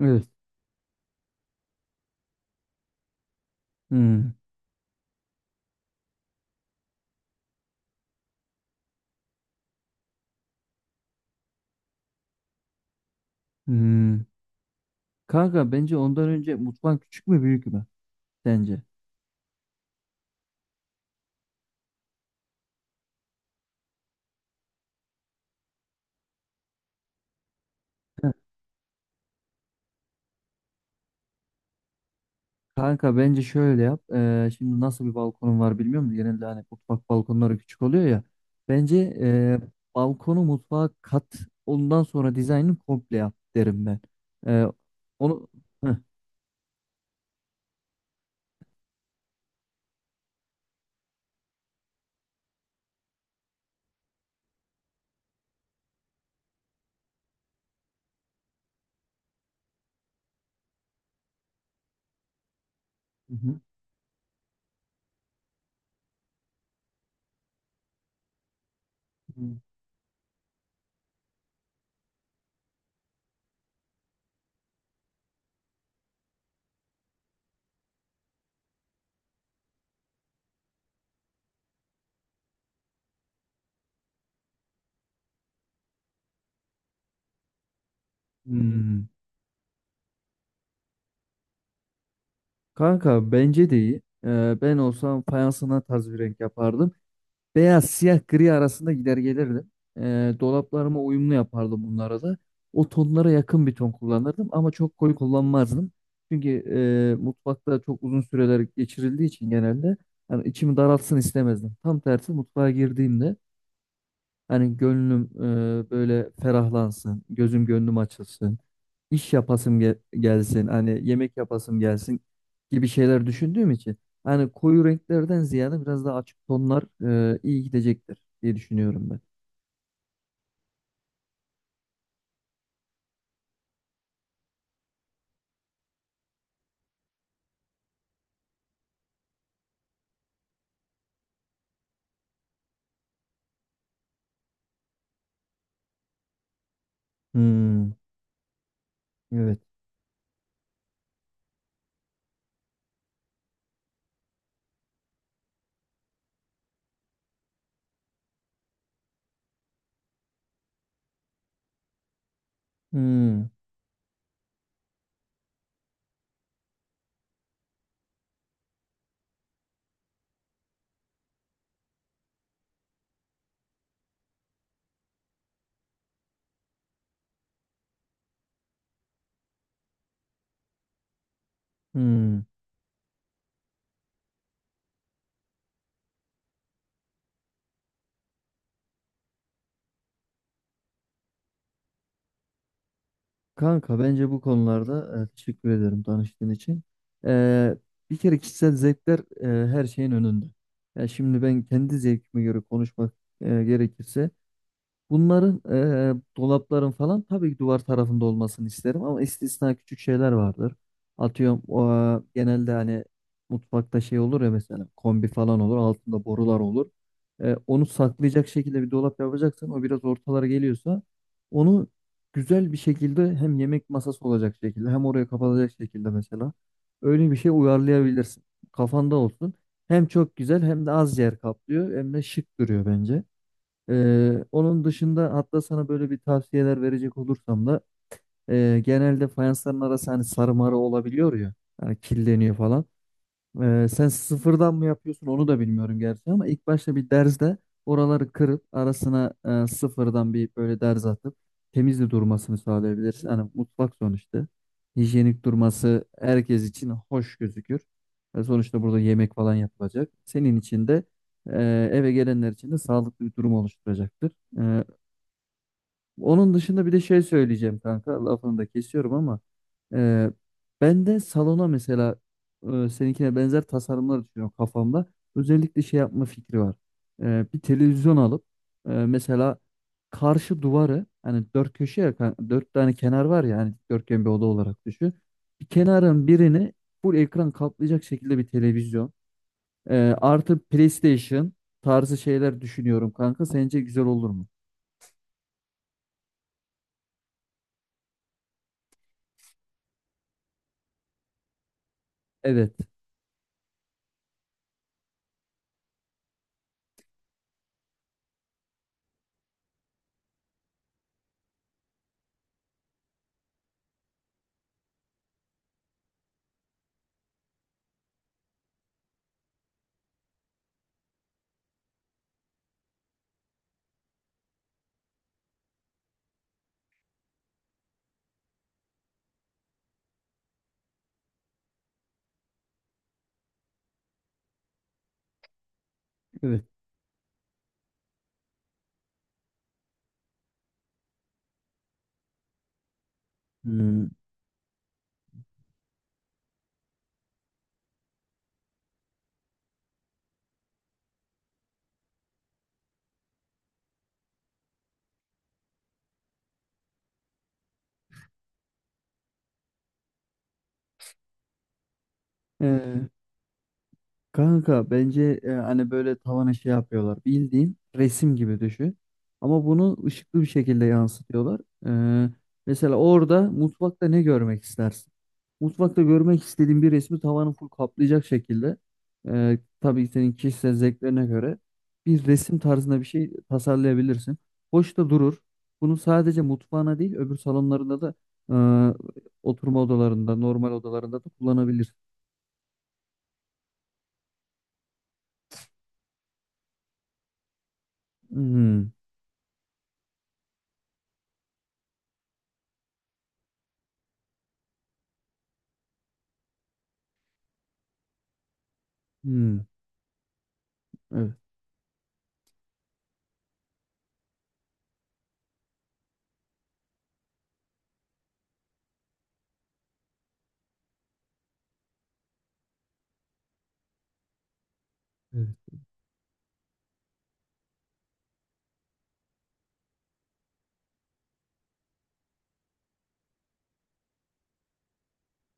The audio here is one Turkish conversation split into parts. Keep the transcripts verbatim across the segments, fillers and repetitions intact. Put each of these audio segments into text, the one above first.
Evet. Hmm. Hmm. Kanka bence ondan önce mutfağın küçük mü büyük mü sence? Heh. Kanka bence şöyle yap. Ee, şimdi nasıl bir balkonun var bilmiyorum da. Genelde hani mutfak balkonları küçük oluyor ya. Bence ee, balkonu mutfağa kat, ondan sonra dizaynını komple yap derim ben. Ee, Onu. Heh. Hı hı. Hı. Hmm. Kanka bence de iyi. Ee, ben olsam fayansına tarz bir renk yapardım. Beyaz, siyah, gri arasında gider gelirdim. Ee, dolaplarıma uyumlu yapardım bunlara da. O tonlara yakın bir ton kullanırdım ama çok koyu kullanmazdım. Çünkü e, mutfakta çok uzun süreler geçirildiği için genelde hani içimi daraltsın istemezdim. Tam tersi mutfağa girdiğimde hani gönlüm e, böyle ferahlansın, gözüm gönlüm açılsın. İş yapasım gel- gelsin, hani yemek yapasım gelsin gibi şeyler düşündüğüm için hani koyu renklerden ziyade biraz daha açık tonlar e, iyi gidecektir diye düşünüyorum ben. Hmm, evet. Hmm, hmm. Kanka bence bu konularda e, teşekkür ederim tanıştığın için. E, Bir kere kişisel zevkler e, her şeyin önünde. Ya şimdi ben kendi zevkime göre konuşmak e, gerekirse. Bunların eee, Dolapların falan tabii ki duvar tarafında olmasını isterim ama istisna küçük şeyler vardır. Atıyorum o, genelde hani mutfakta şey olur ya mesela kombi falan olur altında borular olur. E, onu saklayacak şekilde bir dolap yapacaksan o biraz ortalara geliyorsa onu güzel bir şekilde hem yemek masası olacak şekilde hem oraya kapatacak şekilde mesela öyle bir şey uyarlayabilirsin. Kafanda olsun. Hem çok güzel hem de az yer kaplıyor hem de şık duruyor bence. Ee, onun dışında hatta sana böyle bir tavsiyeler verecek olursam da e, genelde fayansların arası hani sarı marı olabiliyor ya, hani kirleniyor falan. Ee, sen sıfırdan mı yapıyorsun onu da bilmiyorum gerçi ama ilk başta bir derzde oraları kırıp arasına e, sıfırdan bir böyle derz atıp temiz de durmasını sağlayabilirsin. Hani mutfak sonuçta. Hijyenik durması herkes için hoş gözükür. E, sonuçta burada yemek falan yapılacak. Senin için de e, eve gelenler için de sağlıklı bir durum oluşturacaktır. Onun dışında bir de şey söyleyeceğim kanka. Lafını da kesiyorum ama e, ben de salona mesela e, seninkine benzer tasarımlar düşünüyorum kafamda. Özellikle şey yapma fikri var. E, bir televizyon alıp e, mesela karşı duvarı hani dört köşe ya kan- dört tane kenar var ya hani dörtgen bir oda olarak düşün. Bir kenarın birini full ekran kaplayacak şekilde bir televizyon. E, Artı PlayStation tarzı şeyler düşünüyorum kanka. Sence güzel olur mu? Evet. Evet. Hmm. Ee, Kanka bence e, hani böyle tavana şey yapıyorlar. Bildiğin resim gibi düşün. Ama bunu ışıklı bir şekilde yansıtıyorlar. Ee, Mesela orada mutfakta ne görmek istersin? Mutfakta görmek istediğin bir resmi tavanı full kaplayacak şekilde e, tabii senin kişisel zevklerine göre bir resim tarzında bir şey tasarlayabilirsin. Hoş da durur. Bunu sadece mutfağına değil öbür salonlarında da e, oturma odalarında, normal odalarında da kullanabilirsin. Hmm. Hmm. Evet. Evet.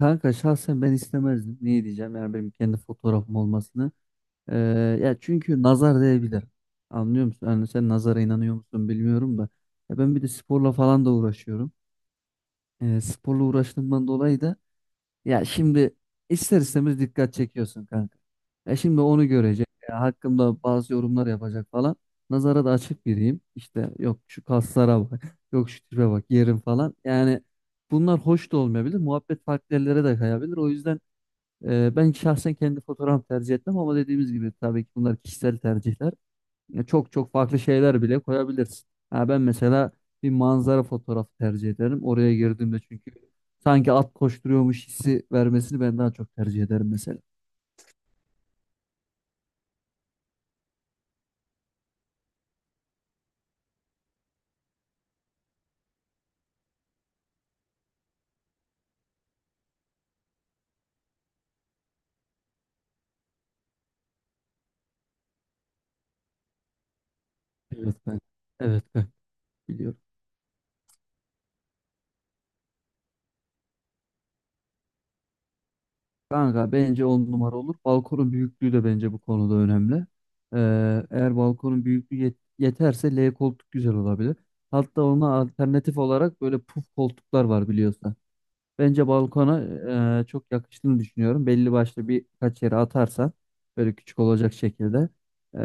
Kanka şahsen ben istemezdim. Niye diyeceğim? Yani benim kendi fotoğrafım olmasını. Ee, Ya çünkü nazar değebilir. Anlıyor musun? Yani sen nazara inanıyor musun bilmiyorum da. Ya ben bir de sporla falan da uğraşıyorum. Ee, sporla uğraştığımdan dolayı da. Ya şimdi ister istemez dikkat çekiyorsun kanka. Ya şimdi onu görecek. Ya hakkımda bazı yorumlar yapacak falan. Nazara da açık biriyim. İşte yok şu kaslara bak. Yok şu tipe bak yerim falan. Yani bunlar hoş da olmayabilir. Muhabbet farklı yerlere de kayabilir. O yüzden e, ben şahsen kendi fotoğraf tercih etmem ama dediğimiz gibi tabii ki bunlar kişisel tercihler. Ya çok çok farklı şeyler bile koyabilirsin. Ha ben mesela bir manzara fotoğrafı tercih ederim. Oraya girdiğimde çünkü sanki at koşturuyormuş hissi vermesini ben daha çok tercih ederim mesela. Evet ben. Evet ben. Biliyorum. Kanka bence on numara olur. Balkonun büyüklüğü de bence bu konuda önemli. Ee, eğer balkonun büyüklüğü yet- yeterse L koltuk güzel olabilir. Hatta ona alternatif olarak böyle puf koltuklar var biliyorsun. Bence balkona e, çok yakıştığını düşünüyorum. Belli başlı birkaç yere atarsan böyle küçük olacak şekilde e,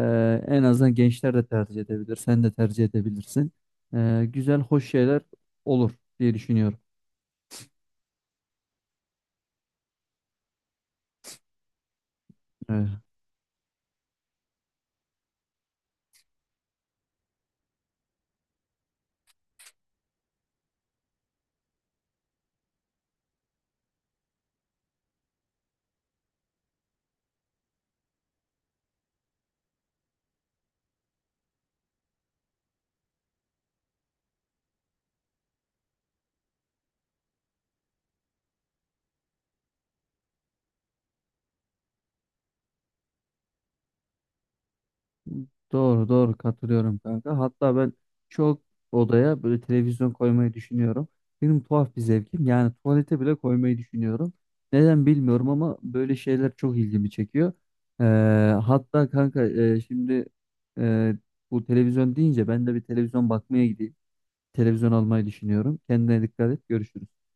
en azından gençler de tercih edebilir. Sen de tercih edebilirsin. E, güzel, hoş şeyler olur diye düşünüyorum. Evet. Doğru doğru katılıyorum kanka. Hatta ben çok odaya böyle televizyon koymayı düşünüyorum. Benim tuhaf bir zevkim. Yani tuvalete bile koymayı düşünüyorum. Neden bilmiyorum ama böyle şeyler çok ilgimi çekiyor. Ee, Hatta kanka e, şimdi e, bu televizyon deyince ben de bir televizyon bakmaya gideyim. Televizyon almayı düşünüyorum. Kendine dikkat et. Görüşürüz.